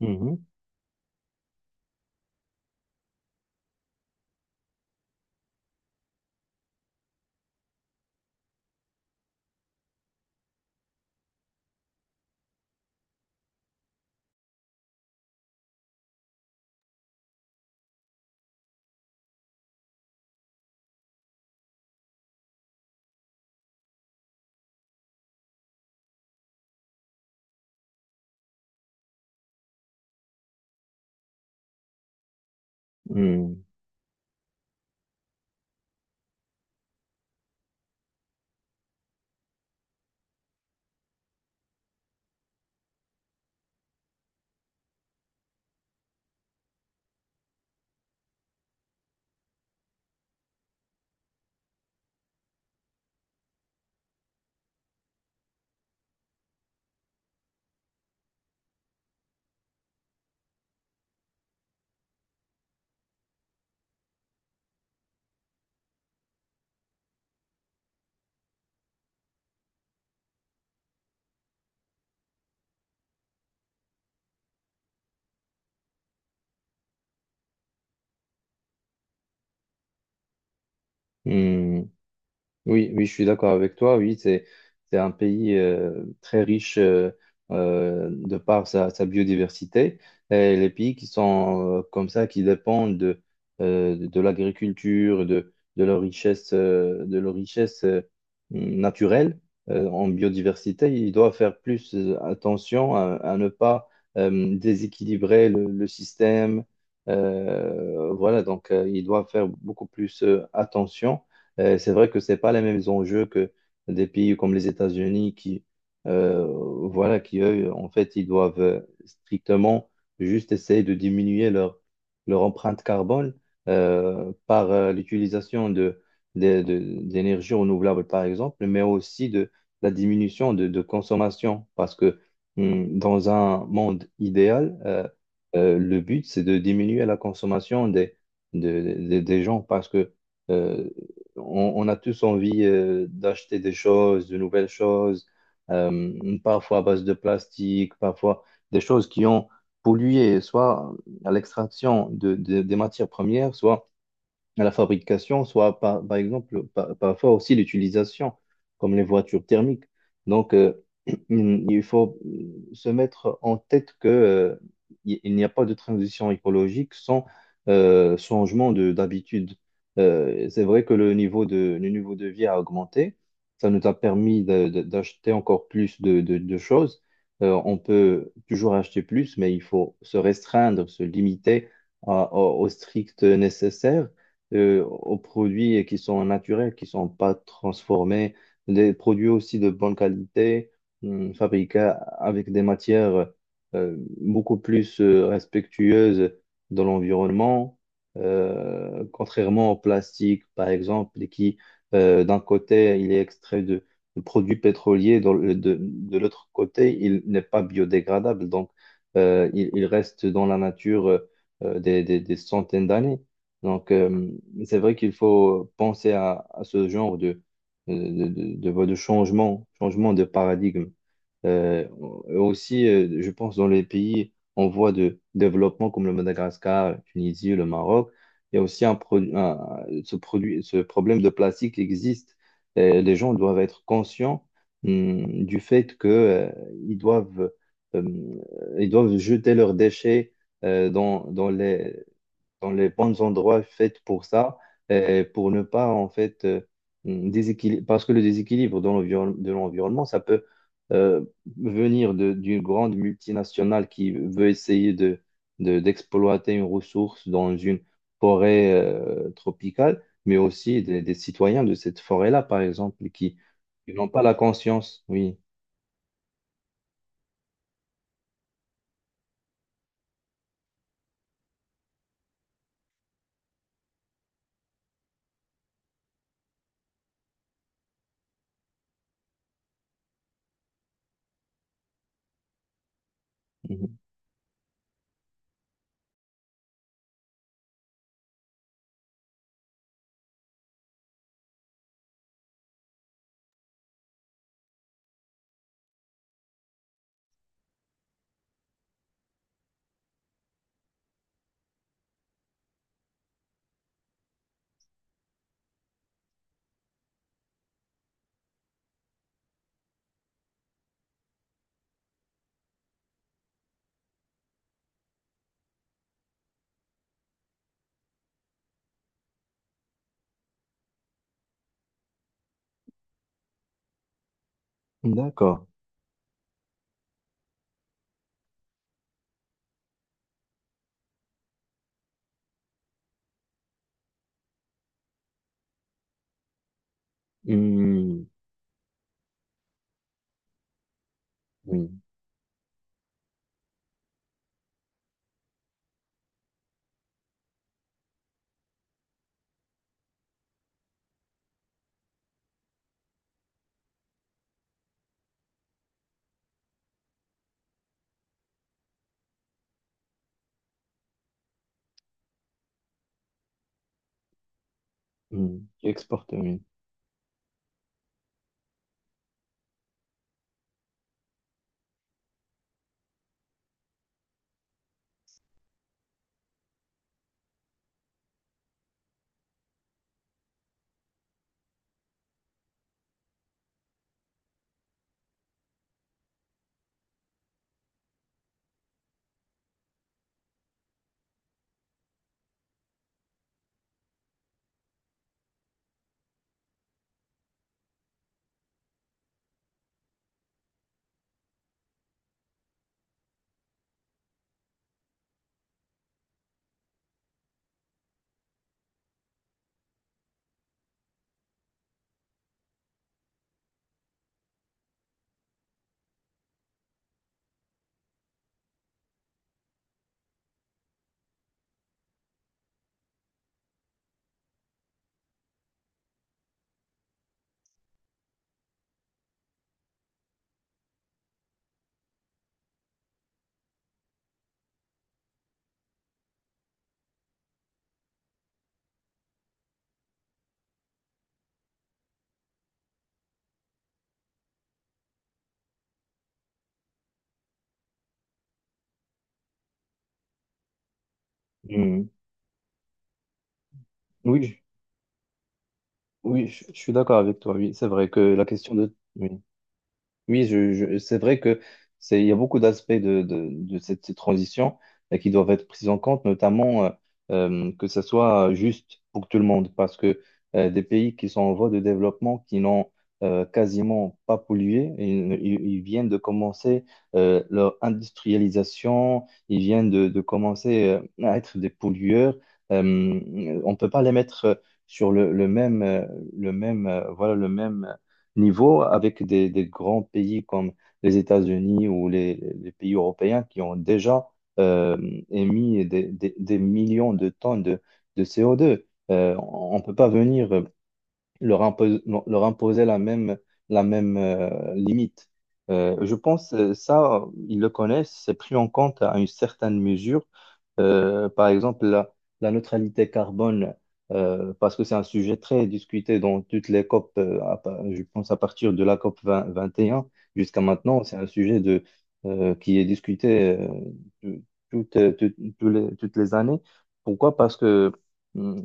Mhm. Mhm. Mhm. Oui, oui, je suis d'accord avec toi. Oui, c'est un pays très riche de par sa biodiversité. Et les pays qui sont comme ça, qui dépendent de l'agriculture, de leur richesse, naturelle en biodiversité, ils doivent faire plus attention à ne pas déséquilibrer le système. Voilà, donc ils doivent faire beaucoup plus attention. C'est vrai que c'est pas les mêmes enjeux que des pays comme les États-Unis qui, euh, voilà, qui eux, en fait, ils doivent strictement juste essayer de diminuer leur empreinte carbone par l'utilisation d'énergies renouvelables, par exemple, mais aussi de la diminution de consommation. Parce que dans un monde idéal, le but, c'est de diminuer la consommation des gens parce que euh, on a tous envie d'acheter des choses, de nouvelles choses, parfois à base de plastique, parfois des choses qui ont pollué, soit à l'extraction des matières premières, soit à la fabrication, soit par exemple, parfois aussi l'utilisation, comme les voitures thermiques. Donc, il faut se mettre en tête que, il n'y a pas de transition écologique sans changement de d'habitude. C'est vrai que le niveau de vie a augmenté. Ça nous a permis d'acheter encore plus de choses. On peut toujours acheter plus, mais il faut se restreindre, se limiter au strict nécessaire aux produits qui sont naturels, qui sont pas transformés, des produits aussi de bonne qualité, fabriqués avec des matières beaucoup plus respectueuses de l'environnement, contrairement au plastique, par exemple, qui, d'un côté, il est extrait de produits pétroliers, de l'autre côté, il n'est pas biodégradable, donc il reste dans la nature des centaines d'années. Donc, mais c'est vrai qu'il faut penser à ce genre de changement de paradigme. Euh, Aussi, je pense dans les pays en voie de développement comme le Madagascar, la Tunisie, le Maroc, il y a aussi ce problème de plastique qui existe. Et les gens doivent être conscients, du fait que, ils doivent, euh, ils doivent jeter leurs déchets, euh, dans, dans les, dans les bons endroits faits pour ça, pour ne pas en fait parce que le déséquilibre de l'environnement, ça peut euh, venir d'une grande multinationale qui veut essayer d'exploiter une ressource dans une forêt tropicale, mais aussi des citoyens de cette forêt-là, par exemple, qui n'ont pas la conscience, oui. Mhm. D'accord. Hmm. Oui. Hmm. Qui exporte, oui. Hmm. Oui. Oui, je suis d'accord avec toi. Oui, c'est vrai que oui, oui, c'est vrai que il y a beaucoup d'aspects de cette transition qui doivent être pris en compte, notamment que ça soit juste pour tout le monde, parce que des pays qui sont en voie de développement, qui n'ont quasiment pas pollué, ils viennent de commencer leur industrialisation, ils viennent de commencer à être des pollueurs. On ne peut pas les mettre sur voilà, le même niveau avec des grands pays comme les États-Unis ou les pays européens qui ont déjà euh, émis des millions de tonnes de CO2. On ne peut pas venir leur imposer la même limite. Je pense ça, ils le connaissent, c'est pris en compte à une certaine mesure, par exemple, la neutralité carbone, parce que c'est un sujet très discuté dans toutes les COP, je pense à partir de la COP 20 21 jusqu'à maintenant, c'est un sujet qui est discuté tout- toutes, euh, tout- toutes les années. Pourquoi? Parce que hum,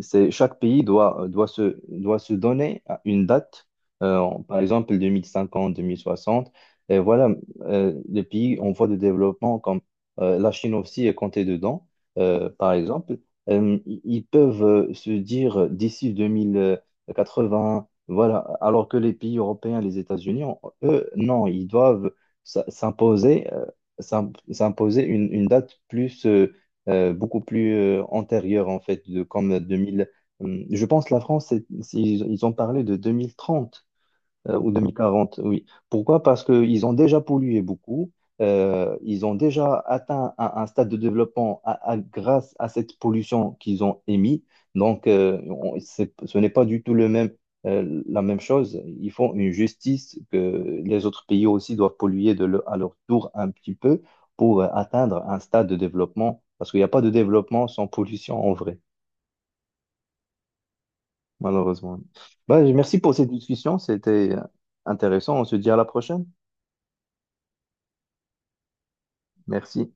chaque pays doit, doit se donner à une date, par exemple 2050, 2060. Et voilà, les pays en voie de développement, comme la Chine aussi est comptée dedans, par exemple, ils peuvent se dire d'ici 2080, voilà, alors que les pays européens, les États-Unis, eux, non, ils doivent s- s'imposer euh, s'imposer une date plus, beaucoup plus antérieure, en fait, de, comme 2000. Je pense que la France, ils ont parlé de 2030 ou 2040, oui. Pourquoi? Parce qu'ils ont déjà pollué beaucoup, ils ont déjà atteint un stade de développement grâce à cette pollution qu'ils ont émise. Donc, ce n'est pas du tout le même, la même chose. Ils font une justice que les autres pays aussi doivent polluer à leur tour un petit peu pour atteindre un stade de développement, parce qu'il n'y a pas de développement sans pollution en vrai, malheureusement. Bah, merci pour cette discussion, c'était intéressant. On se dit à la prochaine. Merci.